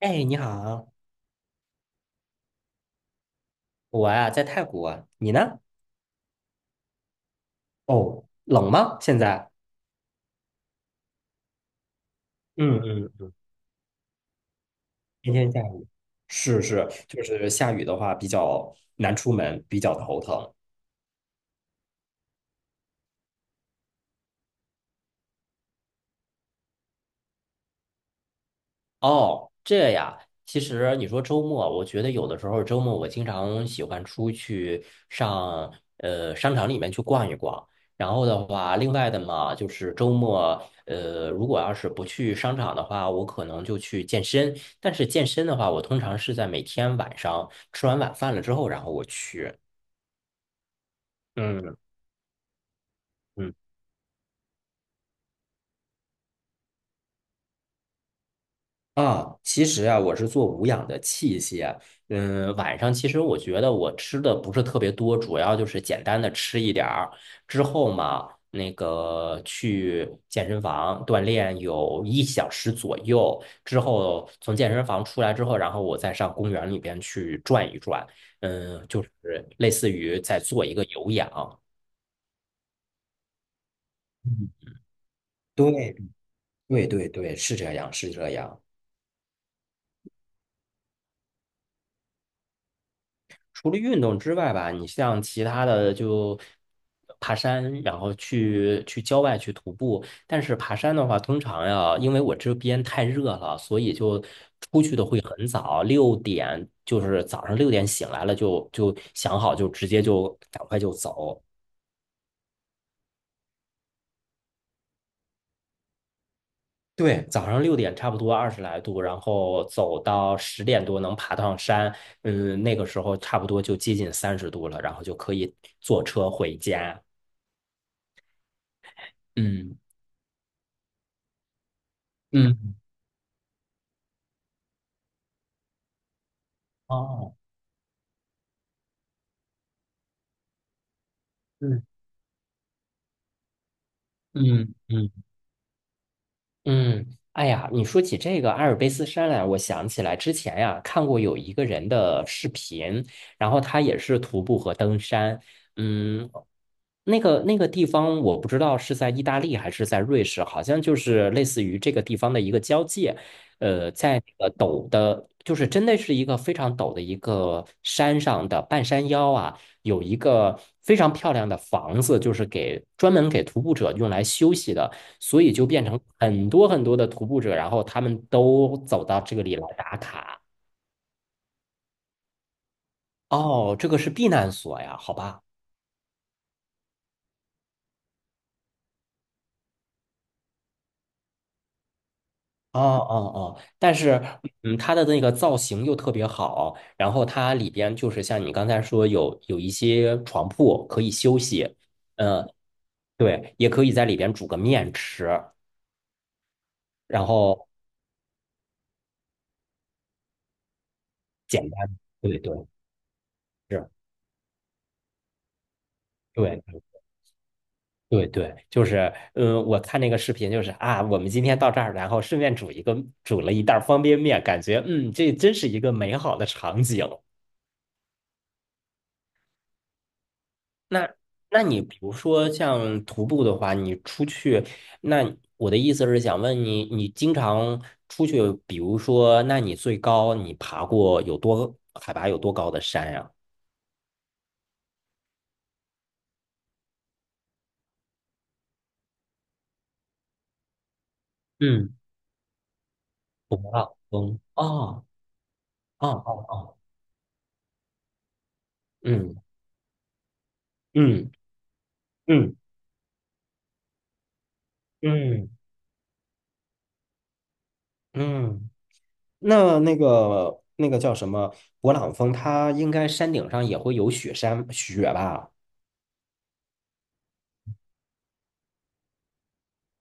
哎，你好，我呀在泰国啊，你呢？哦，冷吗？现在？嗯嗯，今天下雨。是是，就是下雨的话比较难出门，比较头疼。哦，这呀，其实你说周末，我觉得有的时候周末我经常喜欢出去上商场里面去逛一逛。然后的话，另外的嘛，就是周末，如果要是不去商场的话，我可能就去健身。但是健身的话，我通常是在每天晚上吃完晚饭了之后，然后我去。嗯嗯。啊，其实啊，我是做无氧的器械。嗯，晚上其实我觉得我吃的不是特别多，主要就是简单的吃一点儿。之后嘛，那个去健身房锻炼有1小时左右。之后从健身房出来之后，然后我再上公园里边去转一转。嗯，就是类似于在做一个有氧。嗯，对对对对，是这样，是这样。除了运动之外吧，你像其他的就爬山，然后去郊外去徒步。但是爬山的话，通常呀，因为我这边太热了，所以就出去的会很早，六点就是早上六点醒来了就想好就直接就赶快就走。对，早上六点差不多20来度，然后走到10点多能爬上山，嗯，那个时候差不多就接近30度了，然后就可以坐车回家。嗯。嗯，哦，嗯嗯嗯嗯，哎呀，你说起这个阿尔卑斯山来，我想起来之前呀、看过有一个人的视频，然后他也是徒步和登山，嗯，那个地方我不知道是在意大利还是在瑞士，好像就是类似于这个地方的一个交界，在那个陡的，就是真的是一个非常陡的一个山上的半山腰啊。有一个非常漂亮的房子，就是给专门给徒步者用来休息的，所以就变成很多很多的徒步者，然后他们都走到这里来打卡。哦，这个是避难所呀，好吧。哦哦哦，但是，嗯，它的那个造型又特别好，然后它里边就是像你刚才说有一些床铺可以休息，嗯，对，也可以在里边煮个面吃，然后简单，对对是，对对对，就是，嗯，我看那个视频，就是啊，我们今天到这儿，然后顺便煮一个，煮了一袋儿方便面，感觉，嗯，这真是一个美好的场景。那，那你比如说像徒步的话，你出去，那我的意思是想问你，你经常出去，比如说，那你最高你爬过有多，海拔有多高的山呀？嗯，不到峰。哦哦哦哦，嗯嗯嗯嗯嗯。嗯那个叫什么勃朗峰，它应该山顶上也会有雪山雪吧？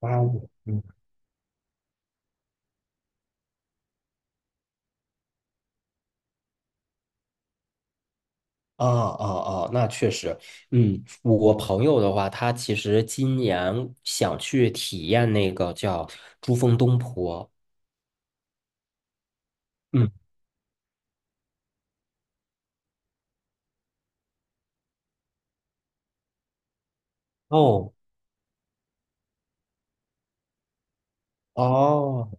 啊，嗯，哦哦哦，那确实，嗯，我朋友的话，他其实今年想去体验那个叫珠峰东坡。嗯，哦，哦，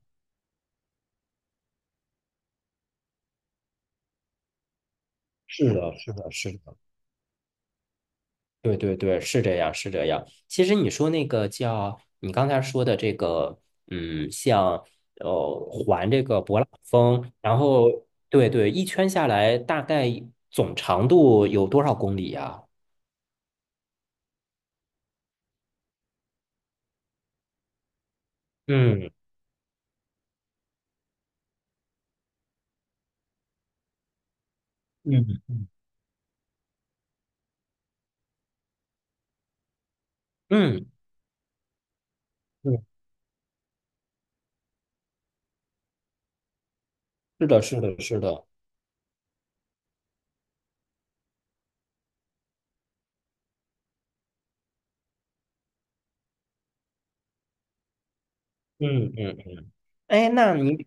是的，是的，是的。对对对，是这样，是这样。其实你说那个叫你刚才说的这个，嗯，像环这个勃朗峰，然后对对，一圈下来大概总长度有多少公里呀？嗯嗯嗯嗯，是的，是的，是的，嗯嗯嗯。哎，那你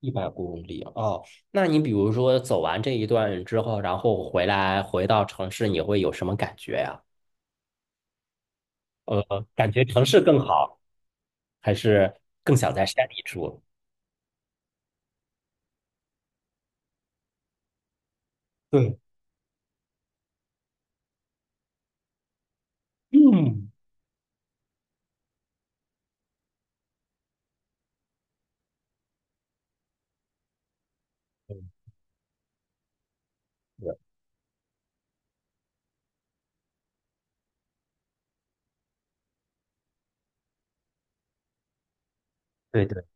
100公里哦，那你比如说走完这一段之后，然后回来回到城市，你会有什么感觉呀？感觉城市更好。还是更想在山里住？对，嗯，对对对，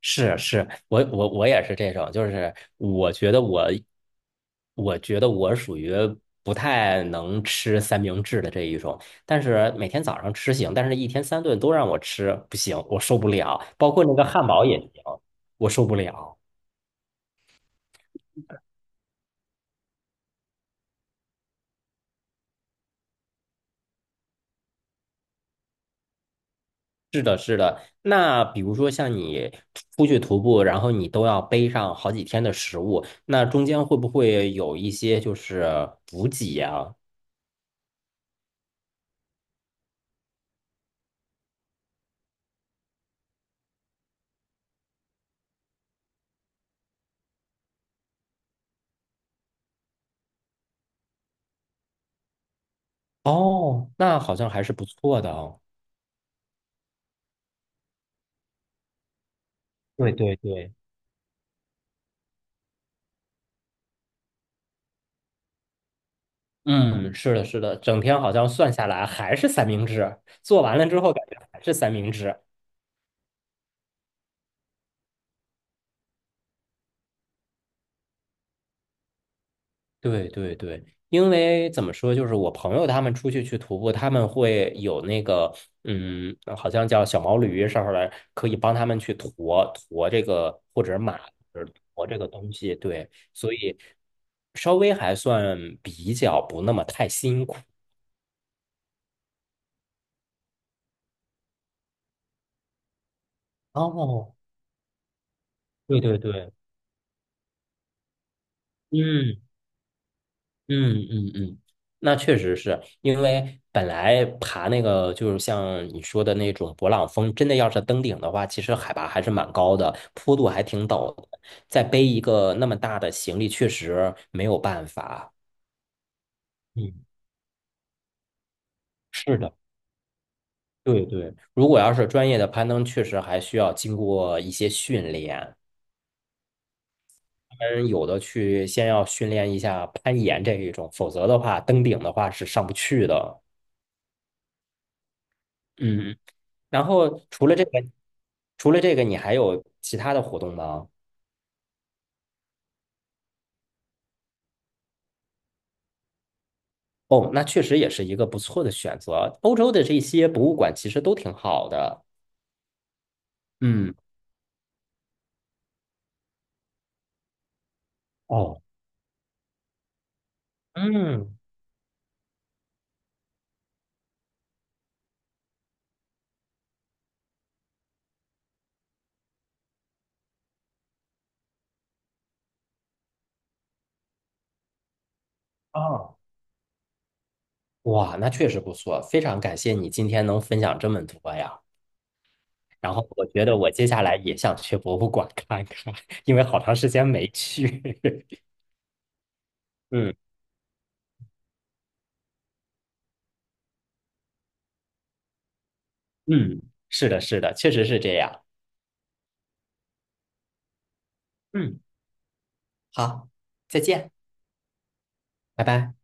是是，我也是这种，就是我觉得我，我觉得我属于不太能吃三明治的这一种，但是每天早上吃行，但是一天三顿都让我吃不行，我受不了，包括那个汉堡也行，我受不了。那比如说像你出去徒步，然后你都要背上好几天的食物，那中间会不会有一些就是补给呀？哦，那好像还是不错的哦。对对对，嗯，是的，是的，整天好像算下来还是三明治，做完了之后感觉还是三明治。对对对，因为怎么说，就是我朋友他们出去徒步，他们会有那个，嗯，好像叫小毛驴上面来，可以帮他们去驮这个，或者马，或者驮这个东西。对，所以稍微还算比较不那么太辛苦。哦，对对对，嗯，嗯嗯嗯，那确实是因为本来爬那个就是像你说的那种勃朗峰，真的要是登顶的话，其实海拔还是蛮高的，坡度还挺陡的，再背一个那么大的行李，确实没有办法。嗯，是的，对对，如果要是专业的攀登，确实还需要经过一些训练。他们有的去先要训练一下攀岩这一种，否则的话，登顶的话是上不去的。嗯。然后除了这个，你还有其他的活动吗？哦，那确实也是一个不错的选择。欧洲的这些博物馆其实都挺好的。嗯，哦，嗯，啊，哇，那确实不错，非常感谢你今天能分享这么多呀。然后我觉得我接下来也想去博物馆看看，因为好长时间没去。嗯嗯，是的，是的，确实是这样。嗯，好，再见，拜拜。